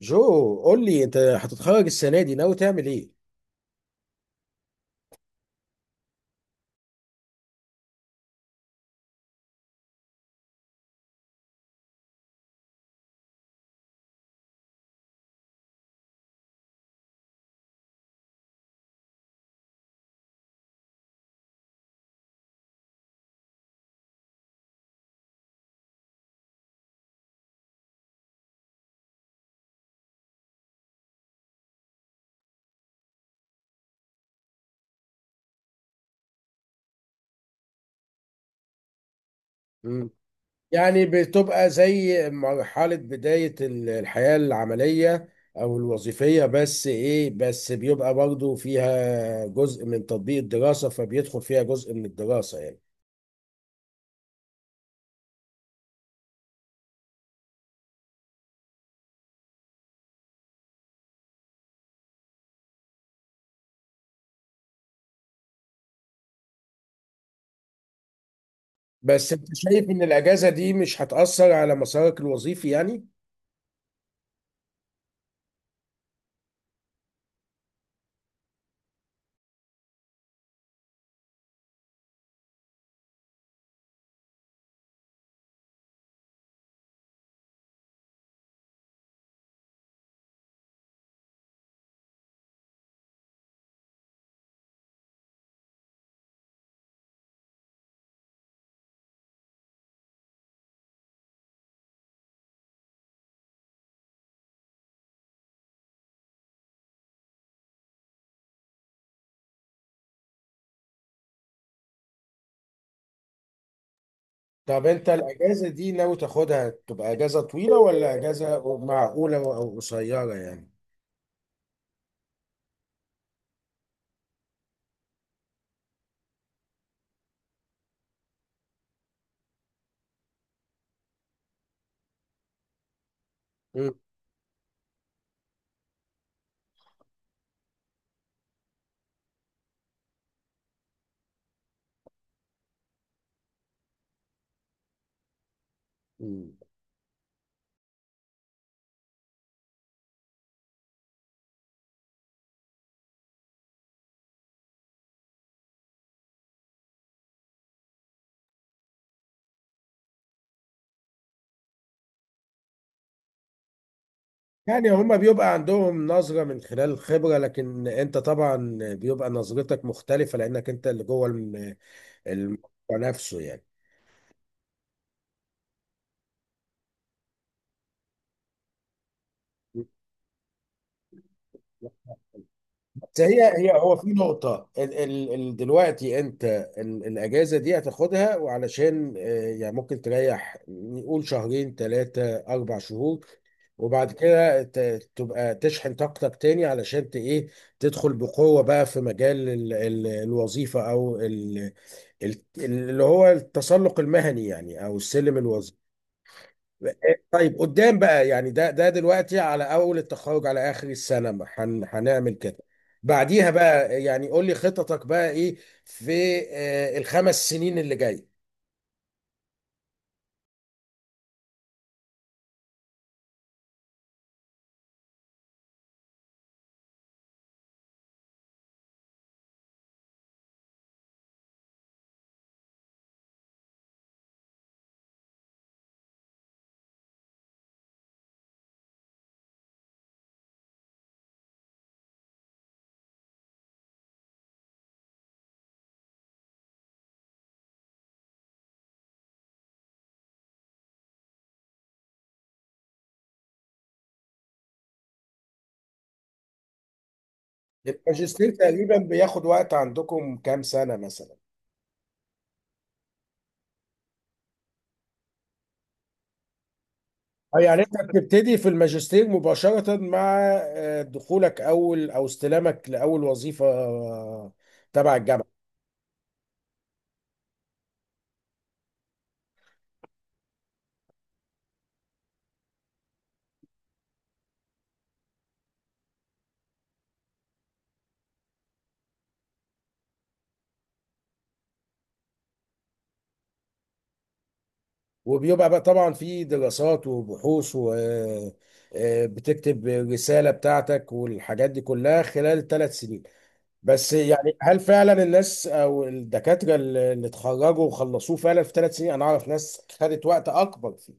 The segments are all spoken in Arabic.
جو، قول لي انت هتتخرج السنه دي ناوي تعمل ايه؟ مم. يعني بتبقى زي مرحله بدايه الحياه العمليه او الوظيفيه، بس بيبقى برضه فيها جزء من تطبيق الدراسه، فبيدخل فيها جزء من الدراسه يعني. بس انت شايف ان الاجازه دي مش هتاثر على مسارك الوظيفي يعني؟ طب انت الاجازه دي ناوي تاخدها تبقى اجازه طويله ولا اجازه معقوله او قصيره يعني؟ مم. يعني هما بيبقى عندهم نظرة من خلال الخبرة، لكن انت طبعا بيبقى نظرتك مختلفة، لانك انت اللي جوه الموضوع نفسه يعني. بس هي هو في نقطة ال دلوقتي انت ال الاجازة دي هتاخدها، وعلشان يعني ممكن تريح، نقول شهرين ثلاثة اربع شهور، وبعد كده تبقى تشحن طاقتك تاني علشان ت ايه، تدخل بقوة بقى في مجال ال الوظيفة او اللي هو التسلق المهني يعني، او السلم الوظيفي. طيب، قدام بقى يعني، ده دلوقتي على اول التخرج على اخر السنه ما هن هنعمل كده، بعديها بقى يعني قول لي خططك بقى ايه في الخمس سنين اللي جاي. الماجستير تقريبا بياخد وقت عندكم كام سنه مثلا؟ اه يعني انت بتبتدي في الماجستير مباشره مع دخولك اول او استلامك لاول وظيفه، تبع الجامعه. وبيبقى بقى طبعا في دراسات وبحوث و بتكتب رسالة بتاعتك والحاجات دي كلها خلال ثلاث سنين. بس يعني هل فعلا الناس او الدكاترة اللي اتخرجوا وخلصوه فعلا في ثلاث سنين؟ انا اعرف ناس خدت وقت اكبر فيه.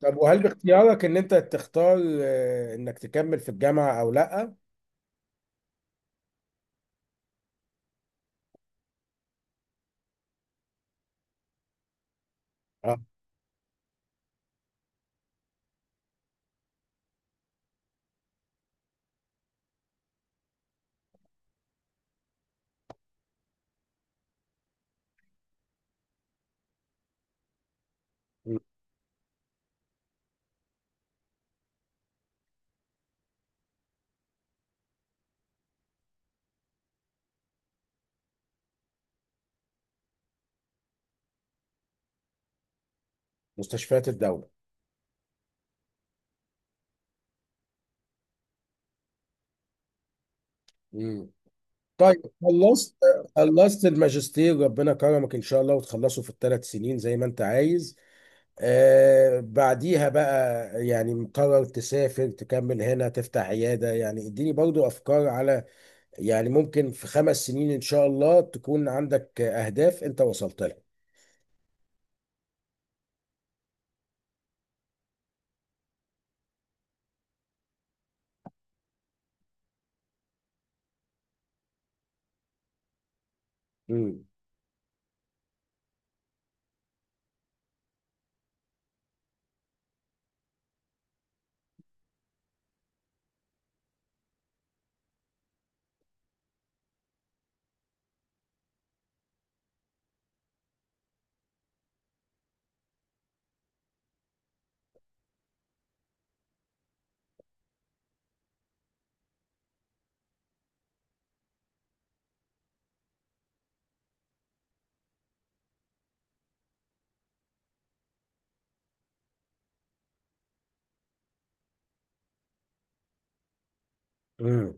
طب وهل باختيارك ان انت تختار انك تكمل في الجامعة او لا؟ اه. مم. مستشفيات الدولة. مم. طيب، خلصت، خلصت الماجستير، ربنا كرمك ان شاء الله وتخلصه في الثلاث سنين زي ما انت عايز. آه، بعديها بقى يعني مقرر تسافر، تكمل هنا، تفتح عيادة؟ يعني اديني برضو أفكار على، يعني ممكن في خمس سنين إن شاء الله تكون عندك أهداف أنت وصلت لها. مم. مم.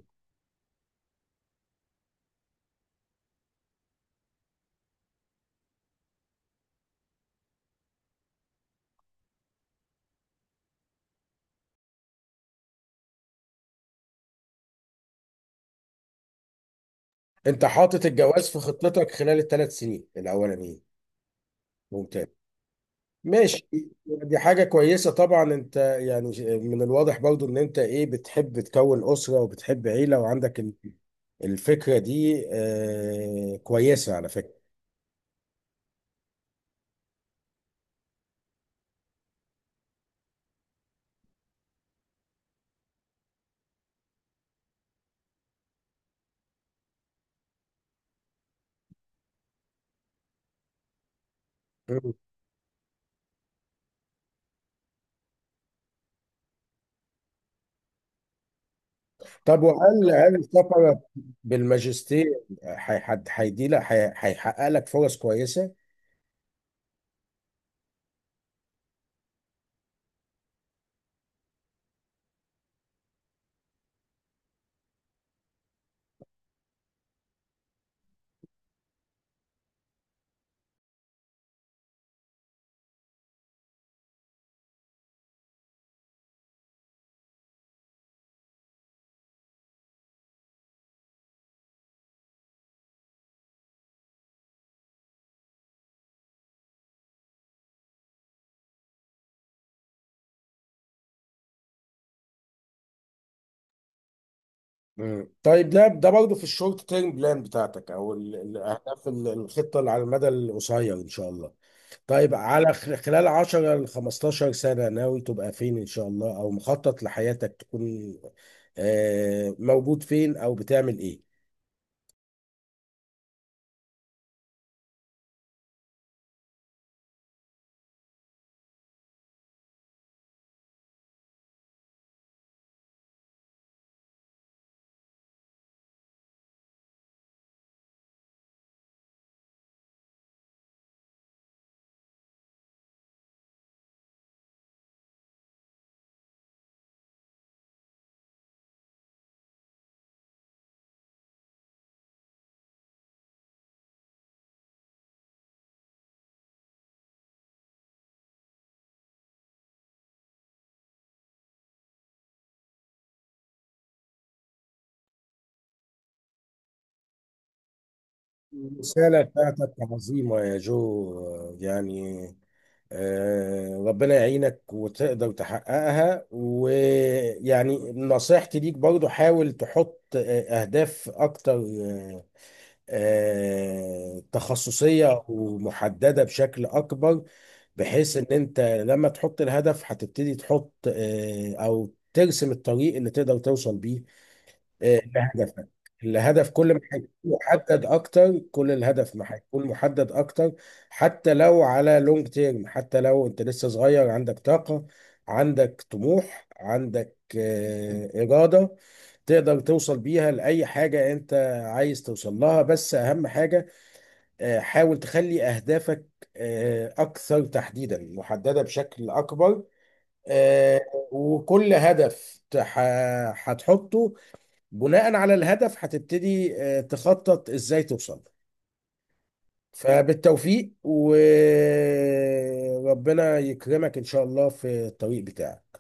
أنت حاطط الجواز في خطتك خلال الثلاث سنين الأولانيين؟ ممتاز. ماشي. دي حاجة كويسة طبعا. أنت يعني من الواضح برضو إن أنت إيه، بتحب تكون أسرة وبتحب عيلة، وعندك الفكرة دي، كويسة على فكرة. طب، وهل السفر بالماجستير هيدي لك هيحقق لك فرص كويسه؟ مم. طيب، ده برضه في الشورت تيرم بلان بتاعتك، او الاهداف الخطه اللي على المدى القصير ان شاء الله. طيب، على خلال 10 ل 15 سنه ناوي تبقى فين ان شاء الله، او مخطط لحياتك تكون موجود فين او بتعمل ايه؟ الرسالة بتاعتك عظيمة يا جو، يعني ربنا يعينك وتقدر تحققها. ويعني نصيحتي ليك برضو، حاول تحط أهداف أكتر، تخصصية ومحددة بشكل أكبر، بحيث إن أنت لما تحط الهدف هتبتدي تحط أو ترسم الطريق اللي تقدر توصل بيه آه، لهدفك. الهدف كل ما هيكون محدد اكتر كل الهدف ما هيكون محدد اكتر، حتى لو على لونج تيرم، حتى لو انت لسه صغير عندك طاقة، عندك طموح، عندك إرادة، تقدر توصل بيها لأي حاجة أنت عايز توصل لها. بس أهم حاجة حاول تخلي أهدافك أكثر تحديدا، محددة بشكل أكبر. آه، وكل هدف هتحطه، بناء على الهدف هتبتدي تخطط ازاي توصل له. فبالتوفيق، وربنا يكرمك ان شاء الله في الطريق بتاعك.